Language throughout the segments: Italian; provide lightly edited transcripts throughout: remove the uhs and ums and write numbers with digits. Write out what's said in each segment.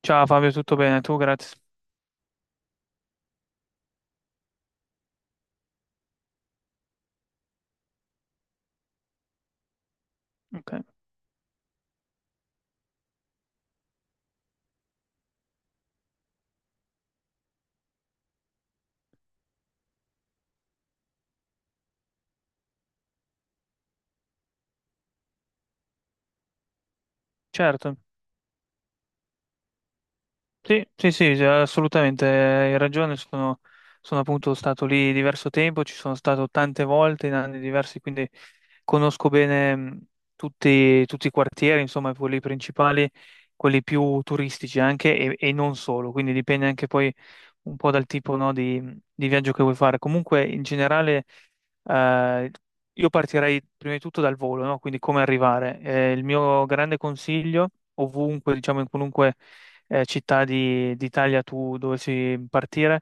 Ciao Fabio, tutto bene? Tu, grazie. Ok, certo. Sì, sì, sì, sì, assolutamente, hai ragione. Sono appunto stato lì diverso tempo, ci sono stato tante volte in anni diversi, quindi conosco bene tutti i quartieri, insomma, quelli principali, quelli più turistici anche e non solo. Quindi dipende anche poi un po' dal tipo, no, di viaggio che vuoi fare. Comunque, in generale, eh, io partirei prima di tutto dal volo, no? Quindi come arrivare. Il mio grande consiglio, ovunque, diciamo, in qualunque città d'Italia tu dovessi partire,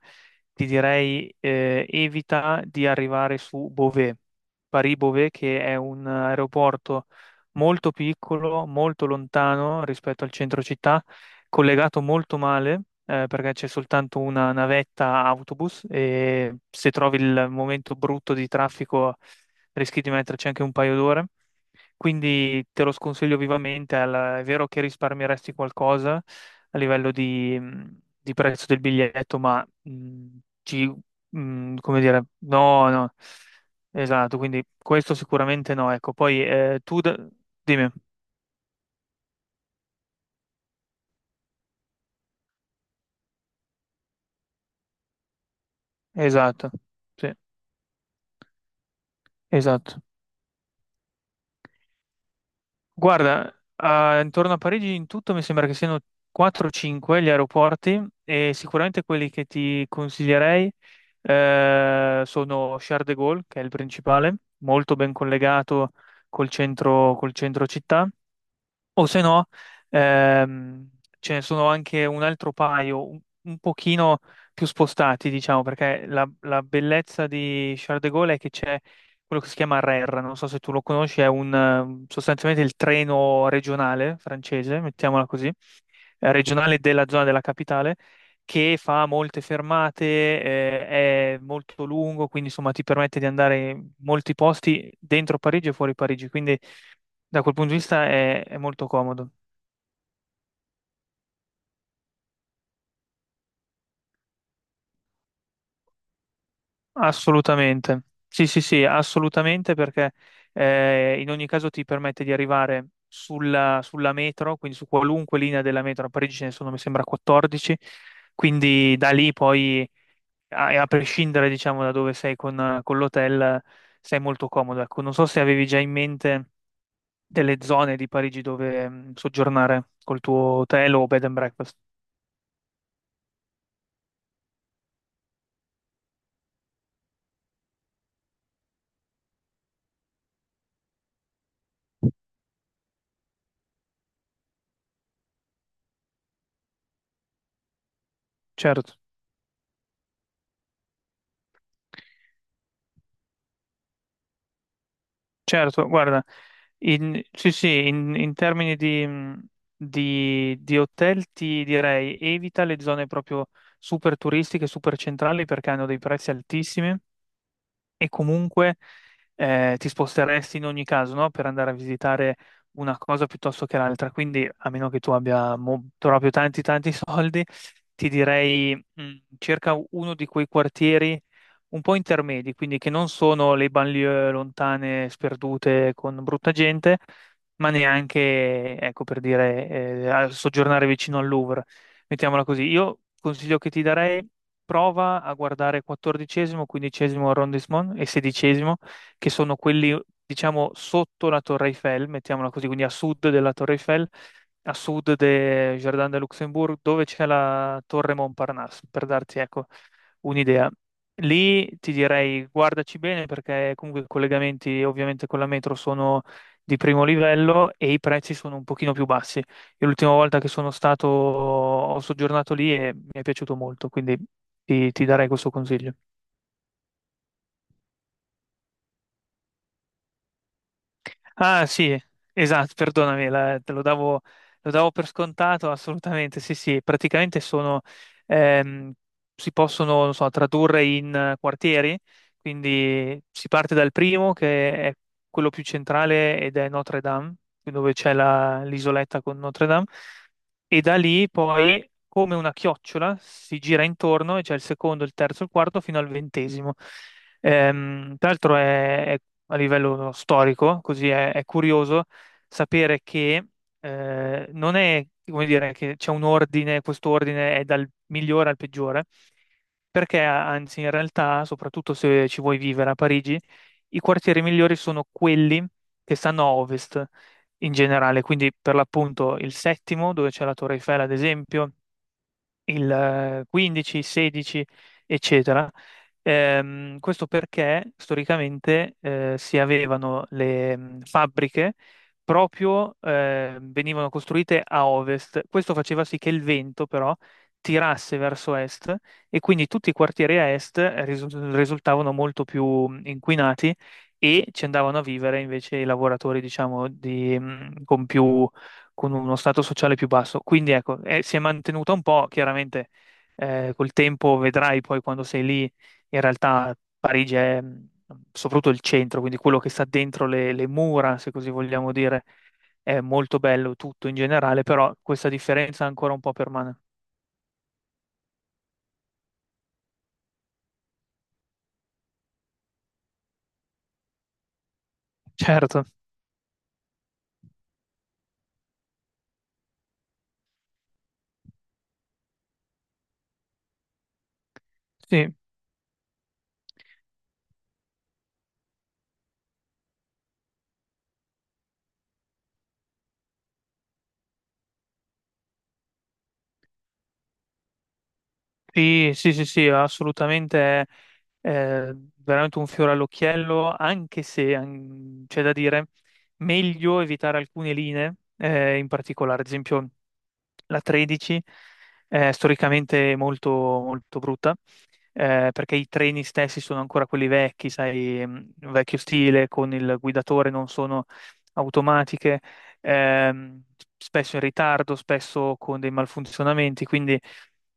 ti direi evita di arrivare su Beauvais, Paris-Beauvais, che è un aeroporto molto piccolo, molto lontano rispetto al centro città, collegato molto male perché c'è soltanto una navetta autobus e se trovi il momento brutto di traffico rischi di metterci anche un paio d'ore. Quindi te lo sconsiglio vivamente. È vero che risparmieresti qualcosa a livello di prezzo del biglietto, ma ci, come dire, no, no, esatto. Quindi questo sicuramente no. Ecco, poi dimmi, esatto, sì, esatto. Guarda, intorno a Parigi in tutto mi sembra che siano 4-5 gli aeroporti, e sicuramente quelli che ti consiglierei sono Charles de Gaulle, che è il principale, molto ben collegato col centro città. O se no, ehm, ce ne sono anche un altro paio, un pochino più spostati, diciamo, perché la bellezza di Charles de Gaulle è che c'è quello che si chiama RER, non so se tu lo conosci, è sostanzialmente il treno regionale francese, mettiamola così, regionale della zona della capitale, che fa molte fermate, è molto lungo, quindi insomma ti permette di andare in molti posti dentro Parigi e fuori Parigi, quindi da quel punto di vista è molto comodo, assolutamente. Sì, sì, sì, assolutamente, perché in ogni caso ti permette di arrivare sulla metro, quindi su qualunque linea della metro, a Parigi ce ne sono, mi sembra, 14, quindi da lì poi, a prescindere, diciamo, da dove sei con l'hotel, sei molto comodo. Ecco, non so se avevi già in mente delle zone di Parigi dove soggiornare col tuo hotel o bed and breakfast. Certo. Certo, guarda, sì, sì, in termini di, di hotel ti direi evita le zone proprio super turistiche, super centrali, perché hanno dei prezzi altissimi e comunque ti sposteresti in ogni caso, no? Per andare a visitare una cosa piuttosto che l'altra. Quindi, a meno che tu abbia proprio tanti, tanti soldi, ti direi cerca uno di quei quartieri un po' intermedi, quindi che non sono le banlieue lontane, sperdute, con brutta gente, ma neanche, ecco, per dire, soggiornare vicino al Louvre. Mettiamola così. Io consiglio che ti darei: prova a guardare 14°, 15° arrondissement e 16°, che sono quelli, diciamo, sotto la Torre Eiffel, mettiamola così, quindi a sud della Torre Eiffel, a sud del Jardin de Luxembourg, dove c'è la Torre Montparnasse, per darti, ecco, un'idea. Lì ti direi guardaci bene, perché comunque i collegamenti ovviamente con la metro sono di primo livello e i prezzi sono un pochino più bassi. Io l'ultima volta che sono stato ho soggiornato lì e mi è piaciuto molto, quindi ti darei questo consiglio. Ah, sì, esatto, perdonami, lo davo per scontato, assolutamente, sì, sì, praticamente ehm, si possono, non so, tradurre in quartieri, quindi si parte dal primo, che è quello più centrale ed è Notre Dame, dove c'è l'isoletta con Notre Dame, e da lì poi, come una chiocciola, si gira intorno e c'è il secondo, il terzo, il quarto, fino al 20°. Tra l'altro è, a livello storico, così è curioso sapere che non è, come dire, che c'è un ordine: questo ordine è dal migliore al peggiore, perché anzi in realtà, soprattutto se ci vuoi vivere a Parigi, i quartieri migliori sono quelli che stanno a ovest in generale, quindi per l'appunto il settimo, dove c'è la Torre Eiffel, ad esempio, il 15, 16, eccetera. Questo perché storicamente si avevano le fabbriche, proprio venivano costruite a ovest. Questo faceva sì che il vento però tirasse verso est, e quindi tutti i quartieri a est risu- risultavano molto più inquinati, e ci andavano a vivere invece i lavoratori, diciamo, con più, con uno stato sociale più basso. Quindi ecco, si è mantenuta un po', chiaramente. Col tempo vedrai poi, quando sei lì, in realtà Parigi è, soprattutto il centro, quindi quello che sta dentro le mura, se così vogliamo dire, è molto bello tutto in generale, però questa differenza ancora un po' permane. Certo, sì. Sì, sì, sì, sì, assolutamente è veramente un fiore all'occhiello, anche se c'è da dire: meglio evitare alcune linee, in particolare, ad esempio la 13 è storicamente molto, molto brutta, perché i treni stessi sono ancora quelli vecchi, sai, vecchio stile, con il guidatore, non sono automatiche, ehm, spesso in ritardo, spesso con dei malfunzionamenti, quindi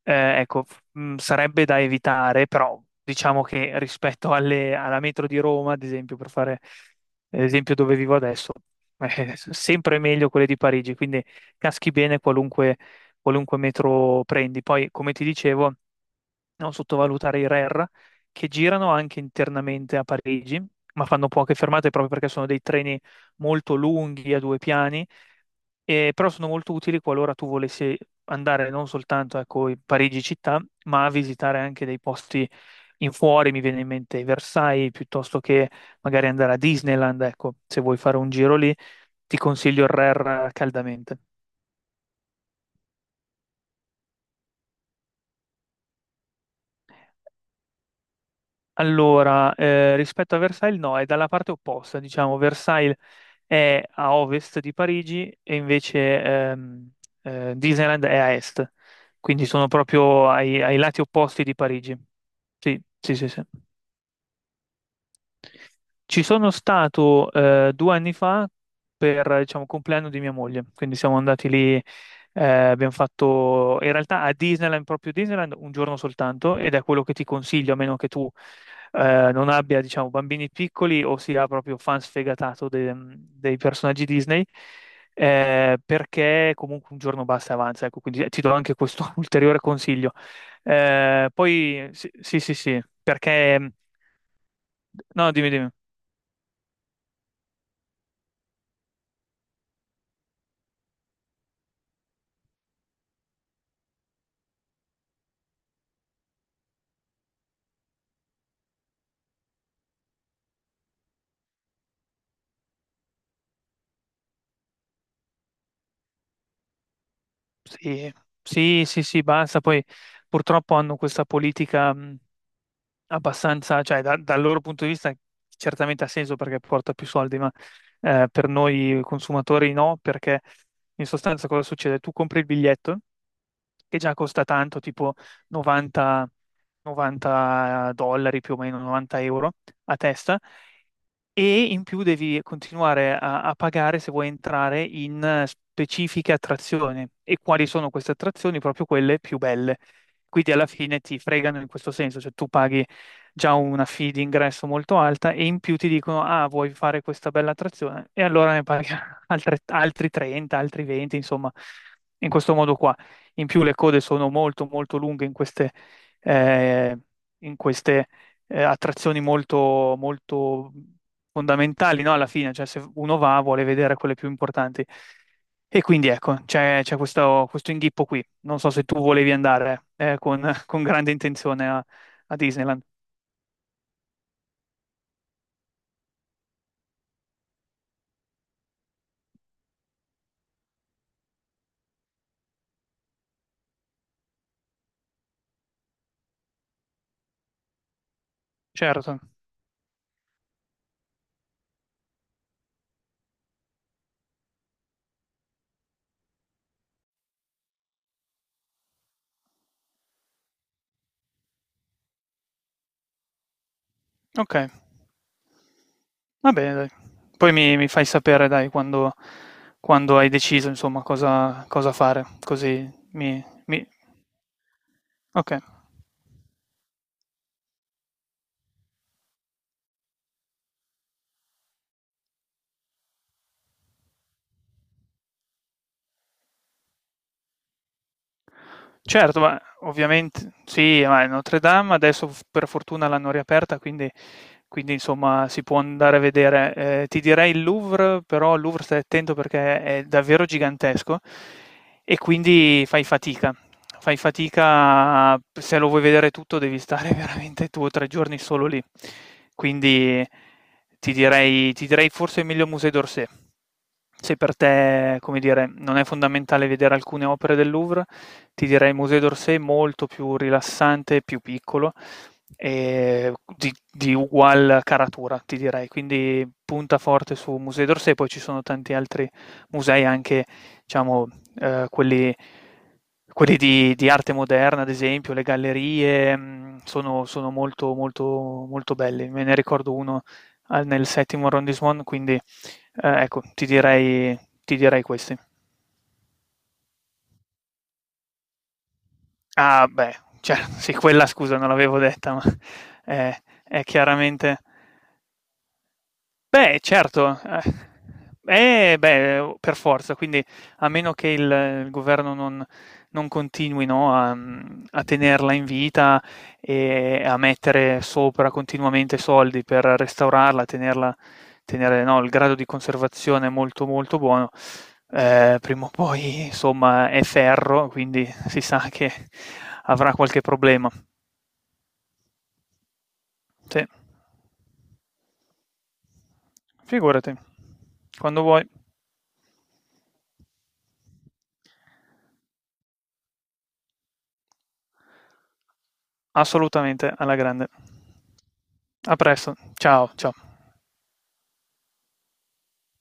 ecco, sarebbe da evitare. Però diciamo che, rispetto alla metro di Roma, ad esempio, per fare l'esempio dove vivo adesso, è sempre meglio quelle di Parigi, quindi caschi bene qualunque metro prendi. Poi, come ti dicevo, non sottovalutare i RER, che girano anche internamente a Parigi, ma fanno poche fermate proprio perché sono dei treni molto lunghi, a 2 piani, e però sono molto utili qualora tu volessi andare non soltanto, ecco, in Parigi città, ma a visitare anche dei posti in fuori, mi viene in mente Versailles, piuttosto che magari andare a Disneyland. Ecco, se vuoi fare un giro lì, ti consiglio il RER caldamente. Allora, rispetto a Versailles, no, è dalla parte opposta, diciamo, Versailles è a ovest di Parigi e invece Disneyland è a est, quindi sono proprio ai lati opposti di Parigi. Sì, sì, sì, sì. Ci sono stato 2 anni fa per, diciamo, il compleanno di mia moglie, quindi siamo andati lì, abbiamo fatto in realtà a Disneyland, proprio Disneyland, un giorno soltanto, ed è quello che ti consiglio, a meno che tu non abbia, diciamo, bambini piccoli o sia proprio fan sfegatato dei personaggi Disney, perché comunque un giorno basta e avanza, ecco, quindi ti do anche questo ulteriore consiglio. Poi, sì, sì, sì, sì, perché. No, dimmi, dimmi. Sì, sì, sì, sì, basta. Poi purtroppo hanno questa politica abbastanza, cioè dal loro punto di vista certamente ha senso, perché porta più soldi, ma per noi consumatori no, perché in sostanza cosa succede? Tu compri il biglietto che già costa tanto, tipo 90, 90 dollari più o meno, 90 euro a testa, e in più devi continuare a pagare se vuoi entrare in specifiche attrazioni. E quali sono queste attrazioni? Proprio quelle più belle. Quindi alla fine ti fregano in questo senso, cioè tu paghi già una fee di ingresso molto alta e in più ti dicono: ah, vuoi fare questa bella attrazione? E allora ne paghi altri 30, altri 20, insomma, in questo modo qua. In più le code sono molto, molto lunghe eh, in queste attrazioni molto, molto fondamentali, no? Alla fine, cioè se uno va vuole vedere quelle più importanti. E quindi ecco, c'è questo, inghippo qui. Non so se tu volevi andare con grande intenzione a Disneyland. Certo. Ok, va bene, dai. Poi mi fai sapere, dai, quando hai deciso, insomma, cosa fare. Ok. Certo, ma ovviamente sì, ma Notre Dame adesso f per fortuna l'hanno riaperta, quindi insomma si può andare a vedere. Ti direi il Louvre, però al Louvre stai attento perché è davvero gigantesco e quindi fai fatica. Fai fatica, se lo vuoi vedere tutto devi stare veramente 2 o 3 giorni solo lì. Quindi ti direi forse meglio Musée d'Orsay. Se per te, come dire, non è fondamentale vedere alcune opere del Louvre, ti direi il Museo d'Orsay è molto più rilassante, più piccolo e di ugual caratura, ti direi. Quindi punta forte su Museo d'Orsay, poi ci sono tanti altri musei, anche diciamo eh, quelli, quelli di arte moderna, ad esempio, le gallerie sono molto, molto, molto belli. Me ne ricordo uno nel settimo arrondissement, quindi ecco, ti direi questi. Ah beh, cer sì, quella scusa non l'avevo detta, ma è è chiaramente. Beh, certo. Beh, per forza, quindi a meno che il governo non, continui, no, a tenerla in vita e a mettere sopra continuamente soldi per restaurarla, tenerla, tenere, no, il grado di conservazione molto molto buono, prima o poi, insomma, è ferro, quindi si sa che avrà qualche problema. Sì, figurati, quando vuoi. Assolutamente, alla grande. A presto, ciao, ciao.